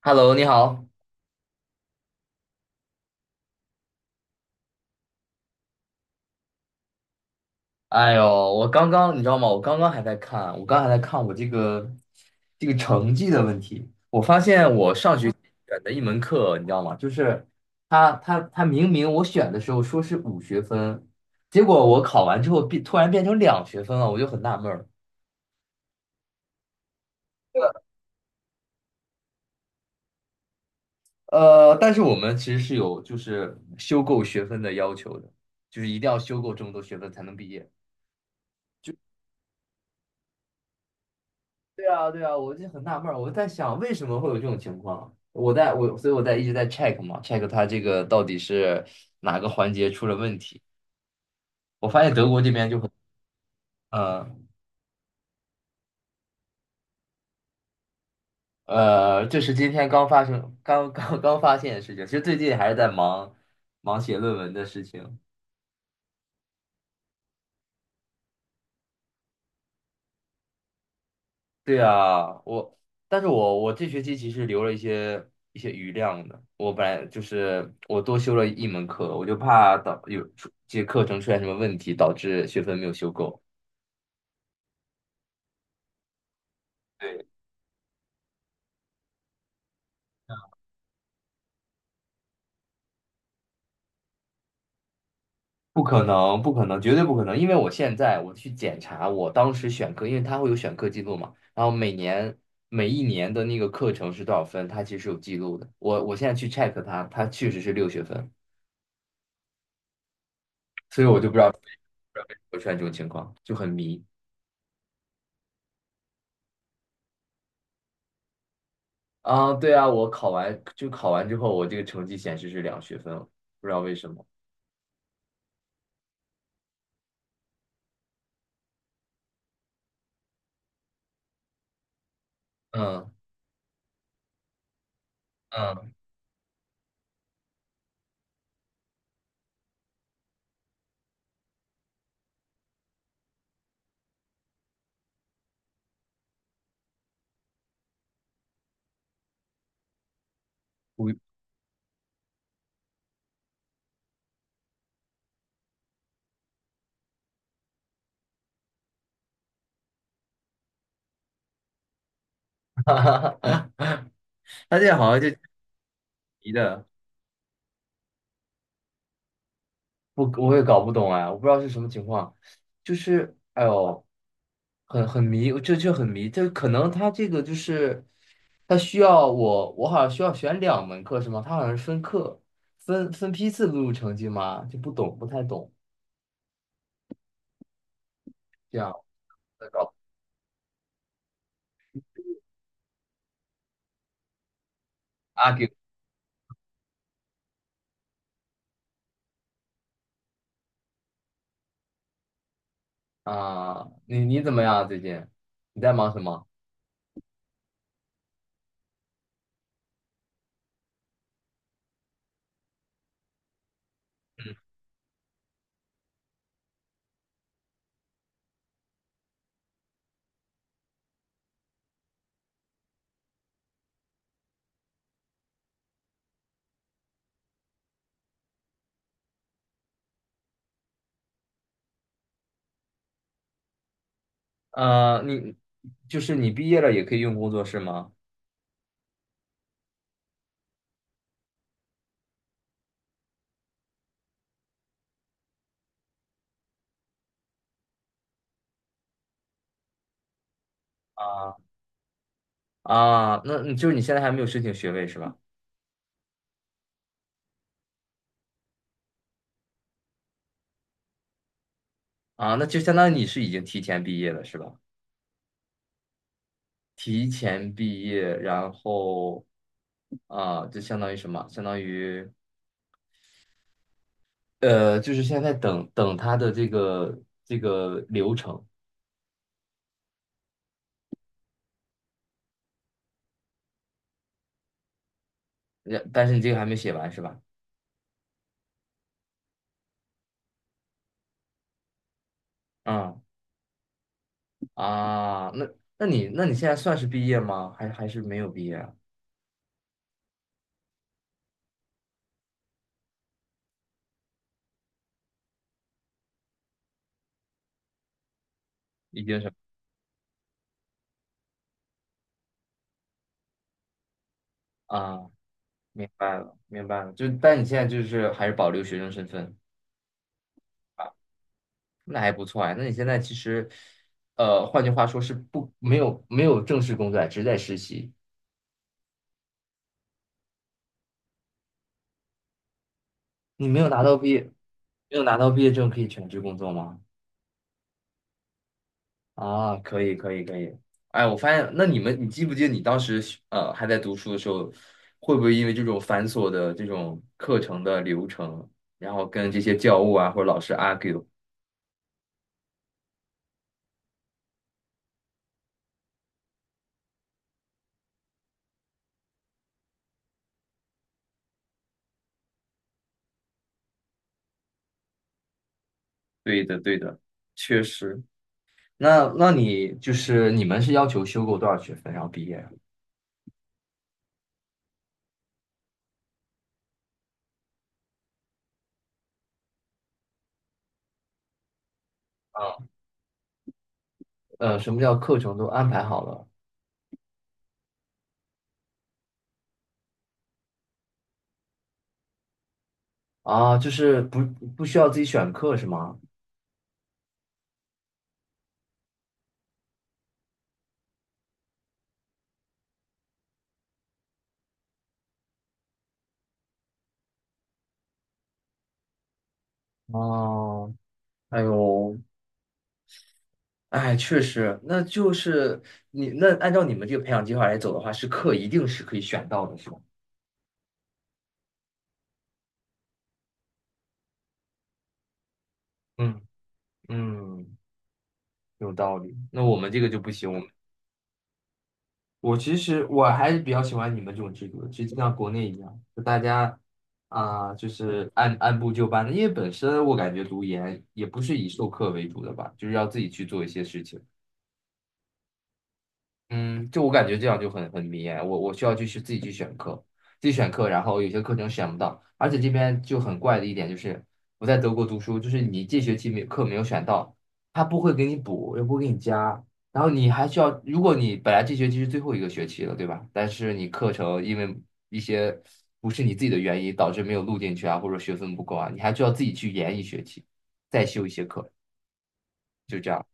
Hello，你好。哎呦，我刚刚你知道吗？我刚刚还在看，我刚还在看我这个成绩的问题。我发现我上学期选的一门课，你知道吗？就是他明明我选的时候说是5学分，结果我考完之后变突然变成两学分了，我就很纳闷儿。但是我们其实是有就是修够学分的要求的，就是一定要修够这么多学分才能毕业。对啊，对啊，我就很纳闷儿，我在想为什么会有这种情况。我在我，所以我在一直在 check 嘛，check 它这个到底是哪个环节出了问题。我发现德国这边就很，呃这是今天刚发生、刚刚刚发现的事情。其实最近还是在忙写论文的事情。对啊，我，但是我这学期其实留了一些余量的。我本来就是我多修了一门课，我就怕导有出这些课程出现什么问题，导致学分没有修够。不可能，不可能，绝对不可能！因为我现在我去检查我当时选课，因为它会有选课记录嘛，然后每年每一年的那个课程是多少分，它其实有记录的。我现在去 check 它，它确实是6学分，所以我就不知道会出现这种情况，就很迷啊。对啊，我考完就考完之后，我这个成绩显示是两学分，不知道为什么。嗯嗯，哈他现在好像就迷的。我也搞不懂哎，我不知道是什么情况，就是哎呦，很迷，这很迷，这可能他这个就是他需要我，我好像需要选两门课是吗？他好像是分课分批次录入成绩吗？就不懂，不太懂，这样在搞 argue 啊，你怎么样啊最近？你在忙什么？呃，你就是你毕业了也可以用工作室吗？啊啊，那就是你现在还没有申请学位是吧？啊，那就相当于你是已经提前毕业了，是吧？提前毕业，然后啊，就相当于什么？相当于呃，就是现在等等他的这个流程，呃但是你这个还没写完是吧？嗯啊，那那你现在算是毕业吗？还是没有毕业啊？已经是啊，明白了，明白了，就但你现在就是还是保留学生身份。那还不错啊。那你现在其实，呃，换句话说是不没有正式工作啊只是在实习。你没有拿到毕业，没有拿到毕业证可以全职工作吗？啊，可以可以可以。哎，我发现，那你们，你记不记得你当时还在读书的时候，会不会因为这种繁琐的这种课程的流程，然后跟这些教务啊或者老师 argue？对的对的，确实。那你就是你们是要求修够多少学分然后毕业啊？呃，什么叫课程都安排好了啊？就是不需要自己选课是吗？哦，哎呦，哎，确实，那就是你那按照你们这个培养计划来走的话，是课一定是可以选到的，是吗？嗯嗯，有道理。那我们这个就不行，我们我其实我还是比较喜欢你们这种制度的，就像国内一样，就大家啊、就是按部就班的，因为本身我感觉读研也不是以授课为主的吧，就是要自己去做一些事情。嗯，就我感觉这样就很迷哎，我需要去自己去选课，自己选课，然后有些课程选不到，而且这边就很怪的一点就是我在德国读书，就是你这学期没课没有选到，他不会给你补，也不会给你加，然后你还需要，如果你本来这学期是最后一个学期了，对吧？但是你课程因为一些不是你自己的原因导致没有录进去啊，或者学分不够啊，你还需要自己去延一学期，再修一些课，就这样。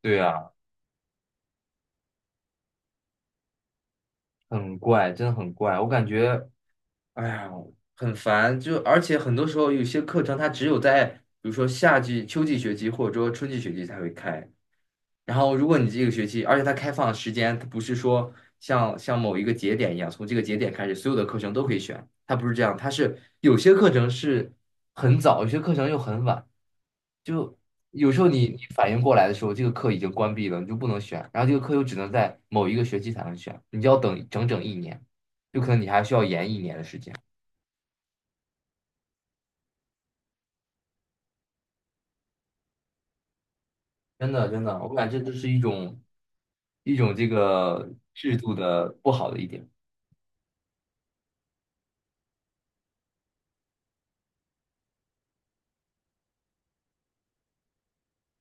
对啊，很怪，真的很怪，我感觉。哎呀，很烦，就而且很多时候有些课程它只有在比如说夏季、秋季学期或者说春季学期才会开。然后如果你这个学期，而且它开放的时间，它不是说像某一个节点一样，从这个节点开始所有的课程都可以选，它不是这样，它是有些课程是很早，有些课程又很晚。就有时候你反应过来的时候，这个课已经关闭了，你就不能选，然后这个课又只能在某一个学期才能选，你就要等整整一年，有可能你还需要延一年的时间。真的真的，我感觉这是一种这个制度的不好的一点。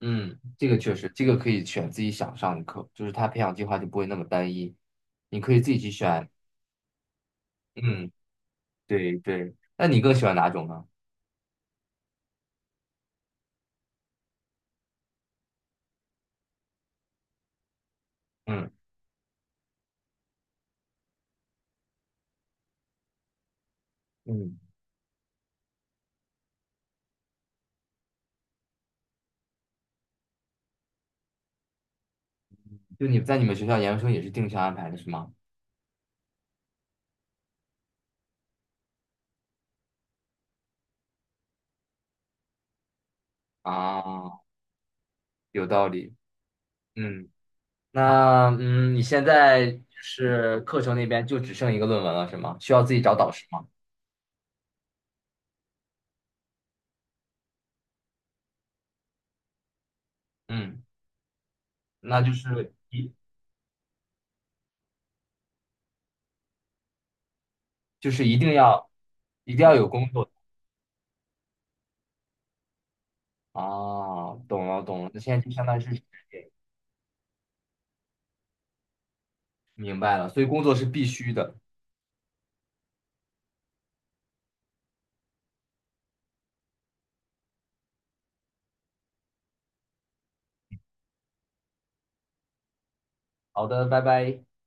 嗯，这个确实，这个可以选自己想上的课，就是他培养计划就不会那么单一，你可以自己去选。嗯，对对。那你更喜欢哪种呢？嗯嗯，就你在你们学校研究生也是定向安排的是吗？啊，有道理。嗯，那嗯，你现在是课程那边就只剩一个论文了是吗？需要自己找导师吗？嗯，那就是一。就是一定要有工作啊，懂了懂了，那现在就相当于是事明白了，所以工作是必须的。好的，拜拜。